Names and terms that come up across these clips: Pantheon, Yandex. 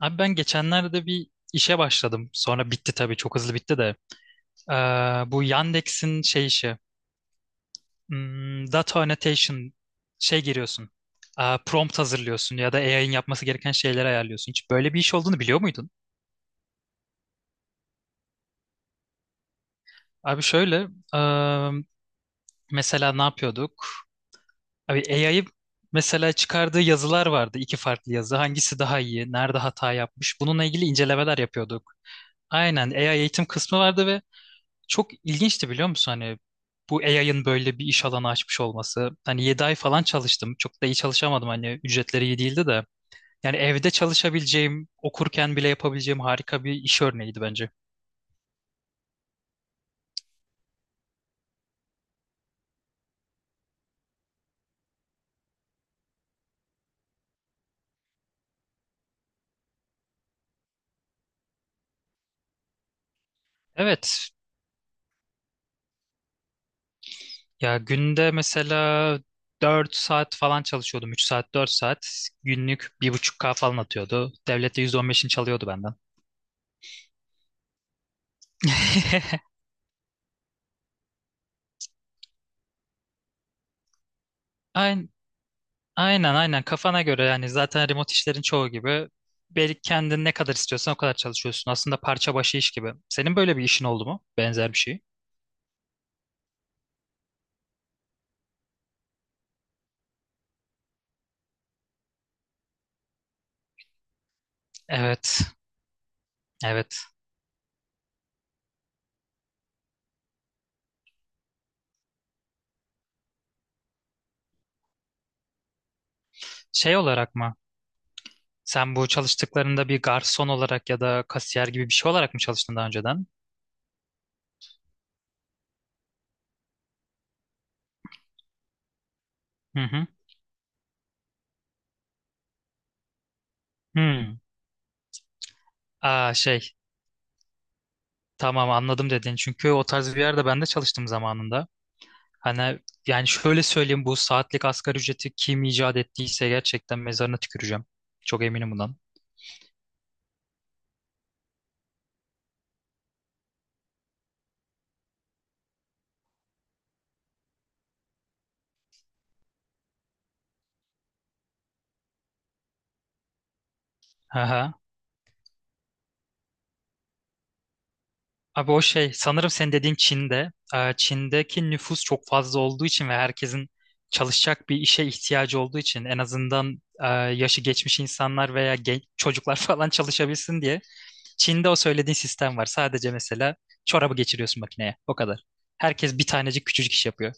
Abi ben geçenlerde bir işe başladım. Sonra bitti tabii, çok hızlı bitti de. Ee, Bu Yandex'in şey işi. Data annotation şey giriyorsun. Prompt hazırlıyorsun ya da AI'ın yapması gereken şeyleri ayarlıyorsun. Hiç böyle bir iş olduğunu biliyor muydun? Abi şöyle ee, mesela ne yapıyorduk? Abi AI'yı, mesela çıkardığı yazılar vardı. İki farklı yazı. Hangisi daha iyi? Nerede hata yapmış? Bununla ilgili incelemeler yapıyorduk. Aynen, AI eğitim kısmı vardı. Çok ilginçti biliyor musun, hani bu AI'ın böyle bir iş alanı açmış olması. Hani 7 ay falan çalıştım. Çok da iyi çalışamadım, hani ücretleri iyi değildi de. Yani evde çalışabileceğim, okurken bile yapabileceğim harika bir iş örneğiydi bence. Evet. Ya günde mesela 4 saat falan çalışıyordum. 3 saat, 4 saat günlük bir buçuk k falan atıyordu. Devlet de %15'ini çalıyordu benden. Aynen. Aynen kafana göre, yani zaten remote işlerin çoğu gibi belki kendin ne kadar istiyorsan o kadar çalışıyorsun. Aslında parça başı iş gibi. Senin böyle bir işin oldu mu? Benzer bir şey. Evet. Evet. Şey olarak mı? Sen bu çalıştıklarında bir garson olarak ya da kasiyer gibi bir şey olarak mı çalıştın daha önceden? Hı hı. Hmm. Aa, şey. Tamam, anladım dedin. Çünkü o tarz bir yerde ben de çalıştım zamanında. Hani, yani şöyle söyleyeyim, bu saatlik asgari ücreti kim icat ettiyse gerçekten mezarına tüküreceğim. Çok eminim bundan. Aha. Abi o şey sanırım senin dediğin Çin'de. Çin'deki nüfus çok fazla olduğu için ve herkesin çalışacak bir işe ihtiyacı olduğu için, en azından yaşı geçmiş insanlar veya genç çocuklar falan çalışabilsin diye Çin'de o söylediğin sistem var. Sadece mesela çorabı geçiriyorsun makineye. O kadar. Herkes bir tanecik küçücük iş yapıyor.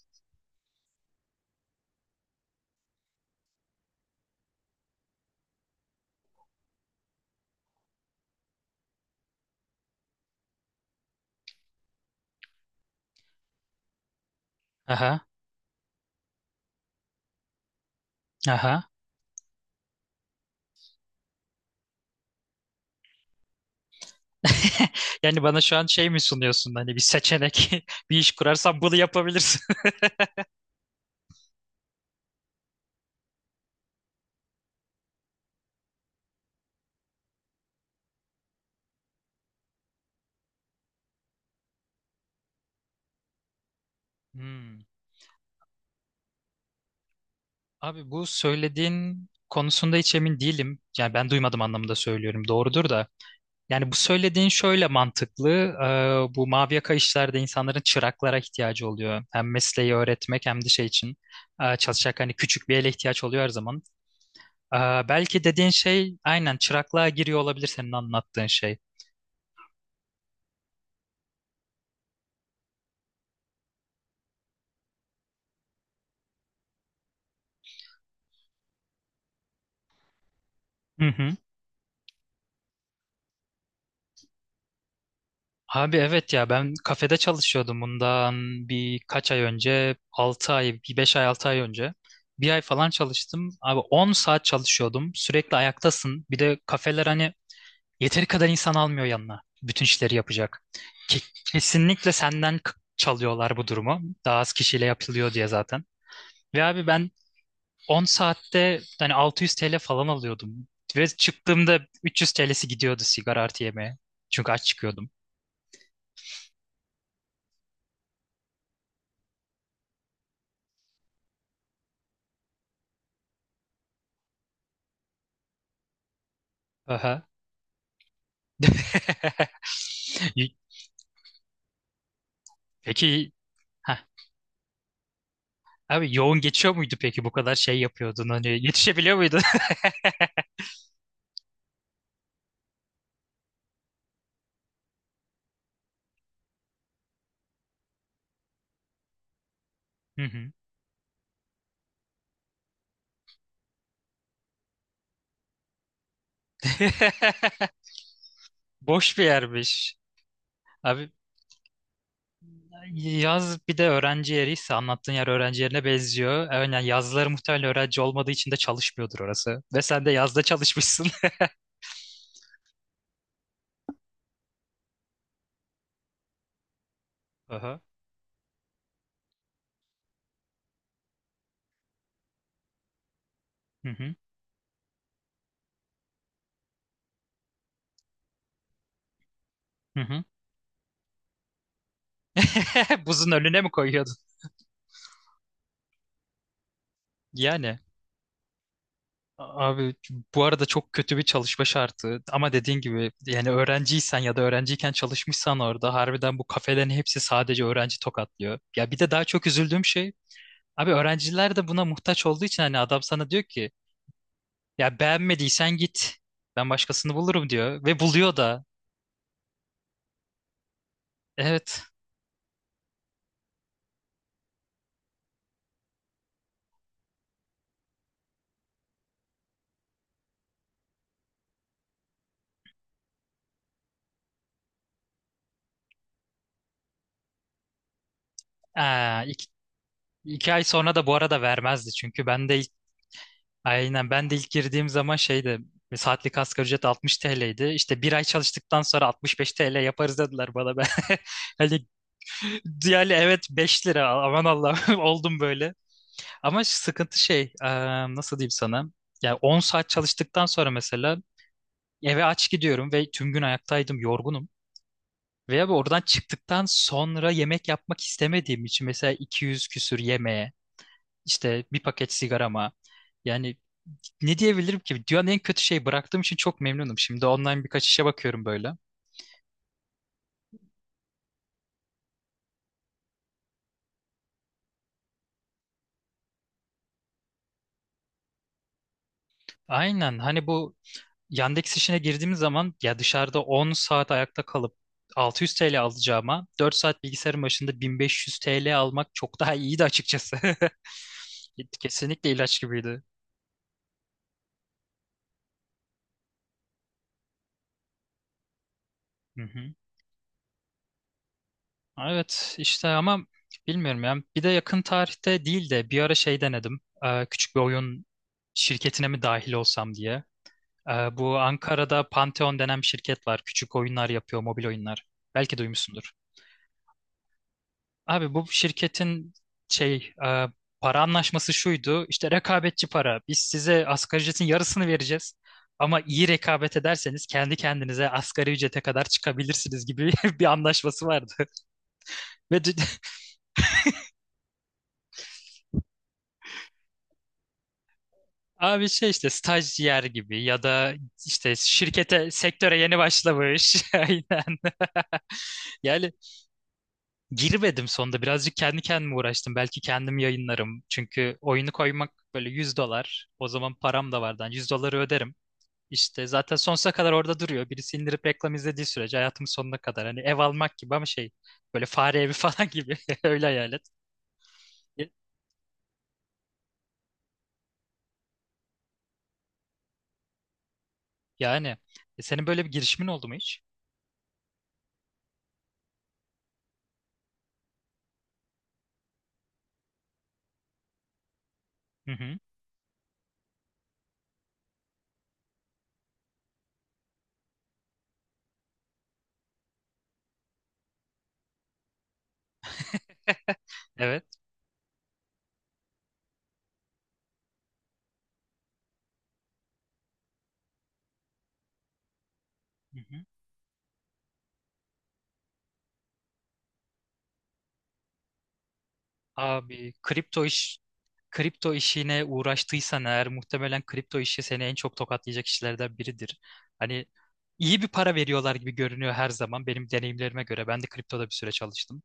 Aha. Aha. Yani bana şu an şey mi sunuyorsun, hani bir seçenek, bir iş kurarsan bunu yapabilirsin. Hmm. Abi bu söylediğin konusunda hiç emin değilim. Yani ben duymadım anlamında söylüyorum. Doğrudur da. Yani bu söylediğin şöyle mantıklı. Bu mavi yaka işlerde insanların çıraklara ihtiyacı oluyor. Hem mesleği öğretmek hem de şey için. Çalışacak, hani küçük bir ele ihtiyaç oluyor her zaman. Ee, Belki dediğin şey aynen çıraklığa giriyor olabilir, senin anlattığın şey. Abi evet ya, ben kafede çalışıyordum bundan birkaç ay önce, 6 ay, bir 5 ay 6 ay önce bir ay falan çalıştım abi. 10 saat çalışıyordum, sürekli ayaktasın, bir de kafeler hani yeteri kadar insan almıyor yanına bütün işleri yapacak. Ke- Kesinlikle senden çalıyorlar, bu durumu daha az kişiyle yapılıyor diye zaten. Ve abi ben 10 saatte hani 600 TL falan alıyordum. Ve çıktığımda 300 TL'si gidiyordu sigara artı yemeğe, çünkü aç çıkıyordum. Aha. Y- Peki, ha abi, yoğun geçiyor muydu peki, bu kadar şey yapıyordun, hani yetişebiliyor muydun? Hı hı. Boş bir yermiş. Abi yaz, bir de öğrenci yeriyse, anlattığın yer öğrenci yerine benziyor. Aynen, yazları muhtemelen öğrenci olmadığı için de çalışmıyordur orası. Ve sen de yazda çalışmışsın. Aha. Hı hı. Hı hı. Buzun önüne mi koyuyordun? Yani. Abi bu arada çok kötü bir çalışma şartı, ama dediğin gibi, yani öğrenciysen ya da öğrenciyken çalışmışsan orada harbiden bu kafelerin hepsi sadece öğrenci tokatlıyor. Ya bir de daha çok üzüldüğüm şey abi, öğrenciler de buna muhtaç olduğu için, hani adam sana diyor ki ya beğenmediysen git, ben başkasını bulurum diyor ve buluyor da. Evet. Aa, 2 ay sonra da bu arada vermezdi, çünkü ben de. Aynen, ben de ilk girdiğim zaman şeydi, saatlik asgari ücret 60 TL'ydi. İşte bir ay çalıştıktan sonra 65 TL yaparız dediler bana. Ben hani, yani evet, 5 lira, aman Allah'ım, oldum böyle. Ama sıkıntı şey, nasıl diyeyim sana? Yani 10 saat çalıştıktan sonra mesela eve aç gidiyorum ve tüm gün ayaktaydım, yorgunum. Veya oradan çıktıktan sonra yemek yapmak istemediğim için mesela 200 küsür yemeğe, işte bir paket sigarama, yani ne diyebilirim ki? Dünyanın en kötü şey, bıraktığım için çok memnunum. Şimdi online birkaç işe bakıyorum böyle. Aynen, hani bu Yandex işine girdiğim zaman ya dışarıda 10 saat ayakta kalıp 600 TL alacağıma 4 saat bilgisayarın başında 1500 TL almak çok daha iyiydi açıkçası. Kesinlikle ilaç gibiydi. Hı hı. Evet işte, ama bilmiyorum ya. Bir de yakın tarihte değil de bir ara şey denedim. Küçük bir oyun şirketine mi dahil olsam diye. Bu Ankara'da Pantheon denen bir şirket var. Küçük oyunlar yapıyor, mobil oyunlar. Belki duymuşsundur. Abi bu şirketin şey, para anlaşması şuydu. İşte rekabetçi para. Biz size asgari ücretin yarısını vereceğiz. Ama iyi rekabet ederseniz kendi kendinize asgari ücrete kadar çıkabilirsiniz gibi bir anlaşması vardı. Ve d- Abi şey, işte stajyer gibi ya da işte şirkete, sektöre yeni başlamış. Aynen. Yani girmedim sonunda. Birazcık kendi kendime uğraştım. Belki kendim yayınlarım. Çünkü oyunu koymak böyle 100 dolar. O zaman param da vardı. Yani 100 doları öderim. İşte zaten sonsuza kadar orada duruyor. Birisi indirip reklam izlediği sürece hayatımın sonuna kadar. Hani ev almak gibi ama şey, böyle fare evi falan gibi. Öyle hayal et. Yani, senin böyle bir girişimin oldu mu hiç? Hı hı. Evet. Hı hı. Abi kripto işine uğraştıysan eğer, muhtemelen kripto işi seni en çok tokatlayacak işlerden biridir. Hani iyi bir para veriyorlar gibi görünüyor her zaman, benim deneyimlerime göre. Ben de kriptoda bir süre çalıştım.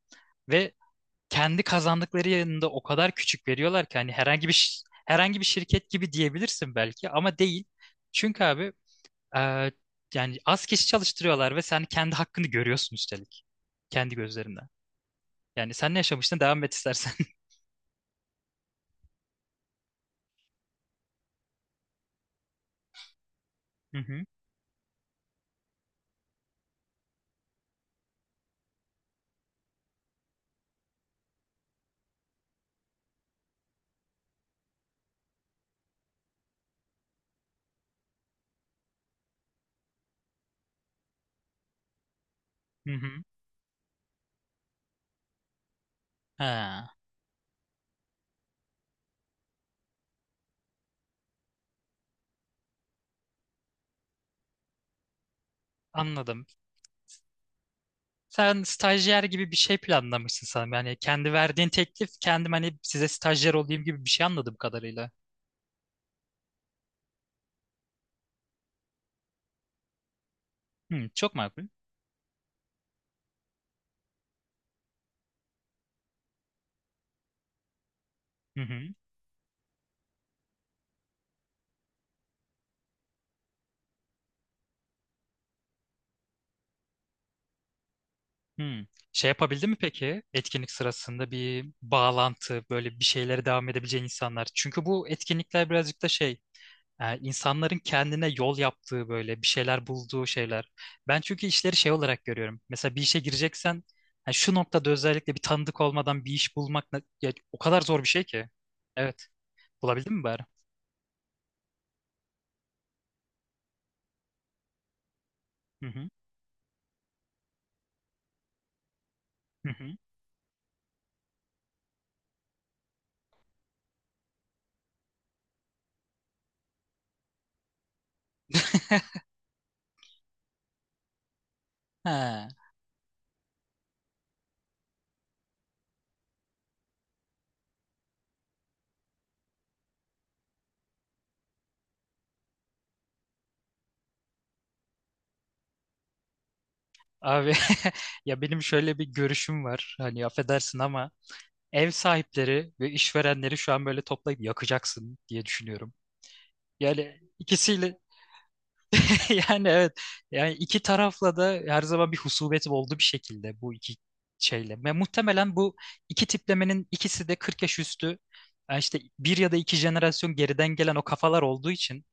Ve kendi kazandıkları yanında o kadar küçük veriyorlar ki, hani herhangi bir şirket gibi diyebilirsin belki, ama değil. Çünkü abi, e, yani az kişi çalıştırıyorlar ve sen kendi hakkını görüyorsun üstelik kendi gözlerinden. Yani sen ne yaşamıştın, devam et istersen. Hı hı. Hı hı. Ha, anladım. Sen stajyer gibi bir şey planlamışsın sanırım. Yani kendi verdiğin teklif, kendim hani size stajyer olayım gibi bir şey, anladım kadarıyla. Hı, çok makul. Hı hı. Hı. Şey yapabildi mi peki, etkinlik sırasında bir bağlantı, böyle bir şeylere devam edebileceğin insanlar? Çünkü bu etkinlikler birazcık da şey, insanların kendine yol yaptığı, böyle bir şeyler bulduğu şeyler. Ben çünkü işleri şey olarak görüyorum. Mesela bir işe gireceksen, ha, şu noktada özellikle bir tanıdık olmadan bir iş bulmak ya, o kadar zor bir şey ki. Evet. Bulabildin mi bari? Hı hı. Hı hı. Ha, abi, ya benim şöyle bir görüşüm var. Hani affedersin ama ev sahipleri ve işverenleri şu an böyle toplayıp yakacaksın diye düşünüyorum. Yani ikisiyle, yani evet, yani iki tarafla da her zaman bir husumetim oldu bir şekilde, bu iki şeyle. Ve muhtemelen bu iki tiplemenin ikisi de 40 yaş üstü, yani işte bir ya da 2 jenerasyon geriden gelen o kafalar olduğu için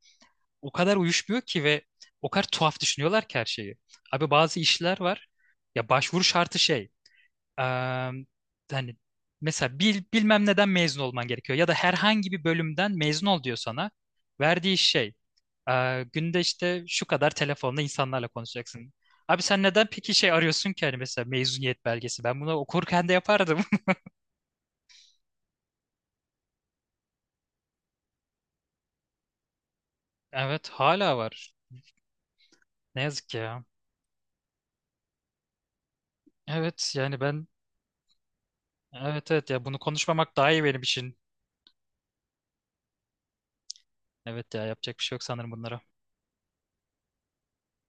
o kadar uyuşmuyor ki, ve o kadar tuhaf düşünüyorlar ki her şeyi. Abi bazı işler var ya, başvuru şartı şey, Eee, hani mesela bilmem neden mezun olman gerekiyor ya da herhangi bir bölümden mezun ol diyor sana. Verdiği şey, günde işte şu kadar telefonla insanlarla konuşacaksın. Abi sen neden peki şey arıyorsun ki, hani mesela mezuniyet belgesi? Ben bunu okurken de yapardım. Evet, hala var. Ne yazık ki ya. Evet yani ben, evet evet ya, bunu konuşmamak daha iyi benim için. Evet ya, yapacak bir şey yok sanırım bunlara.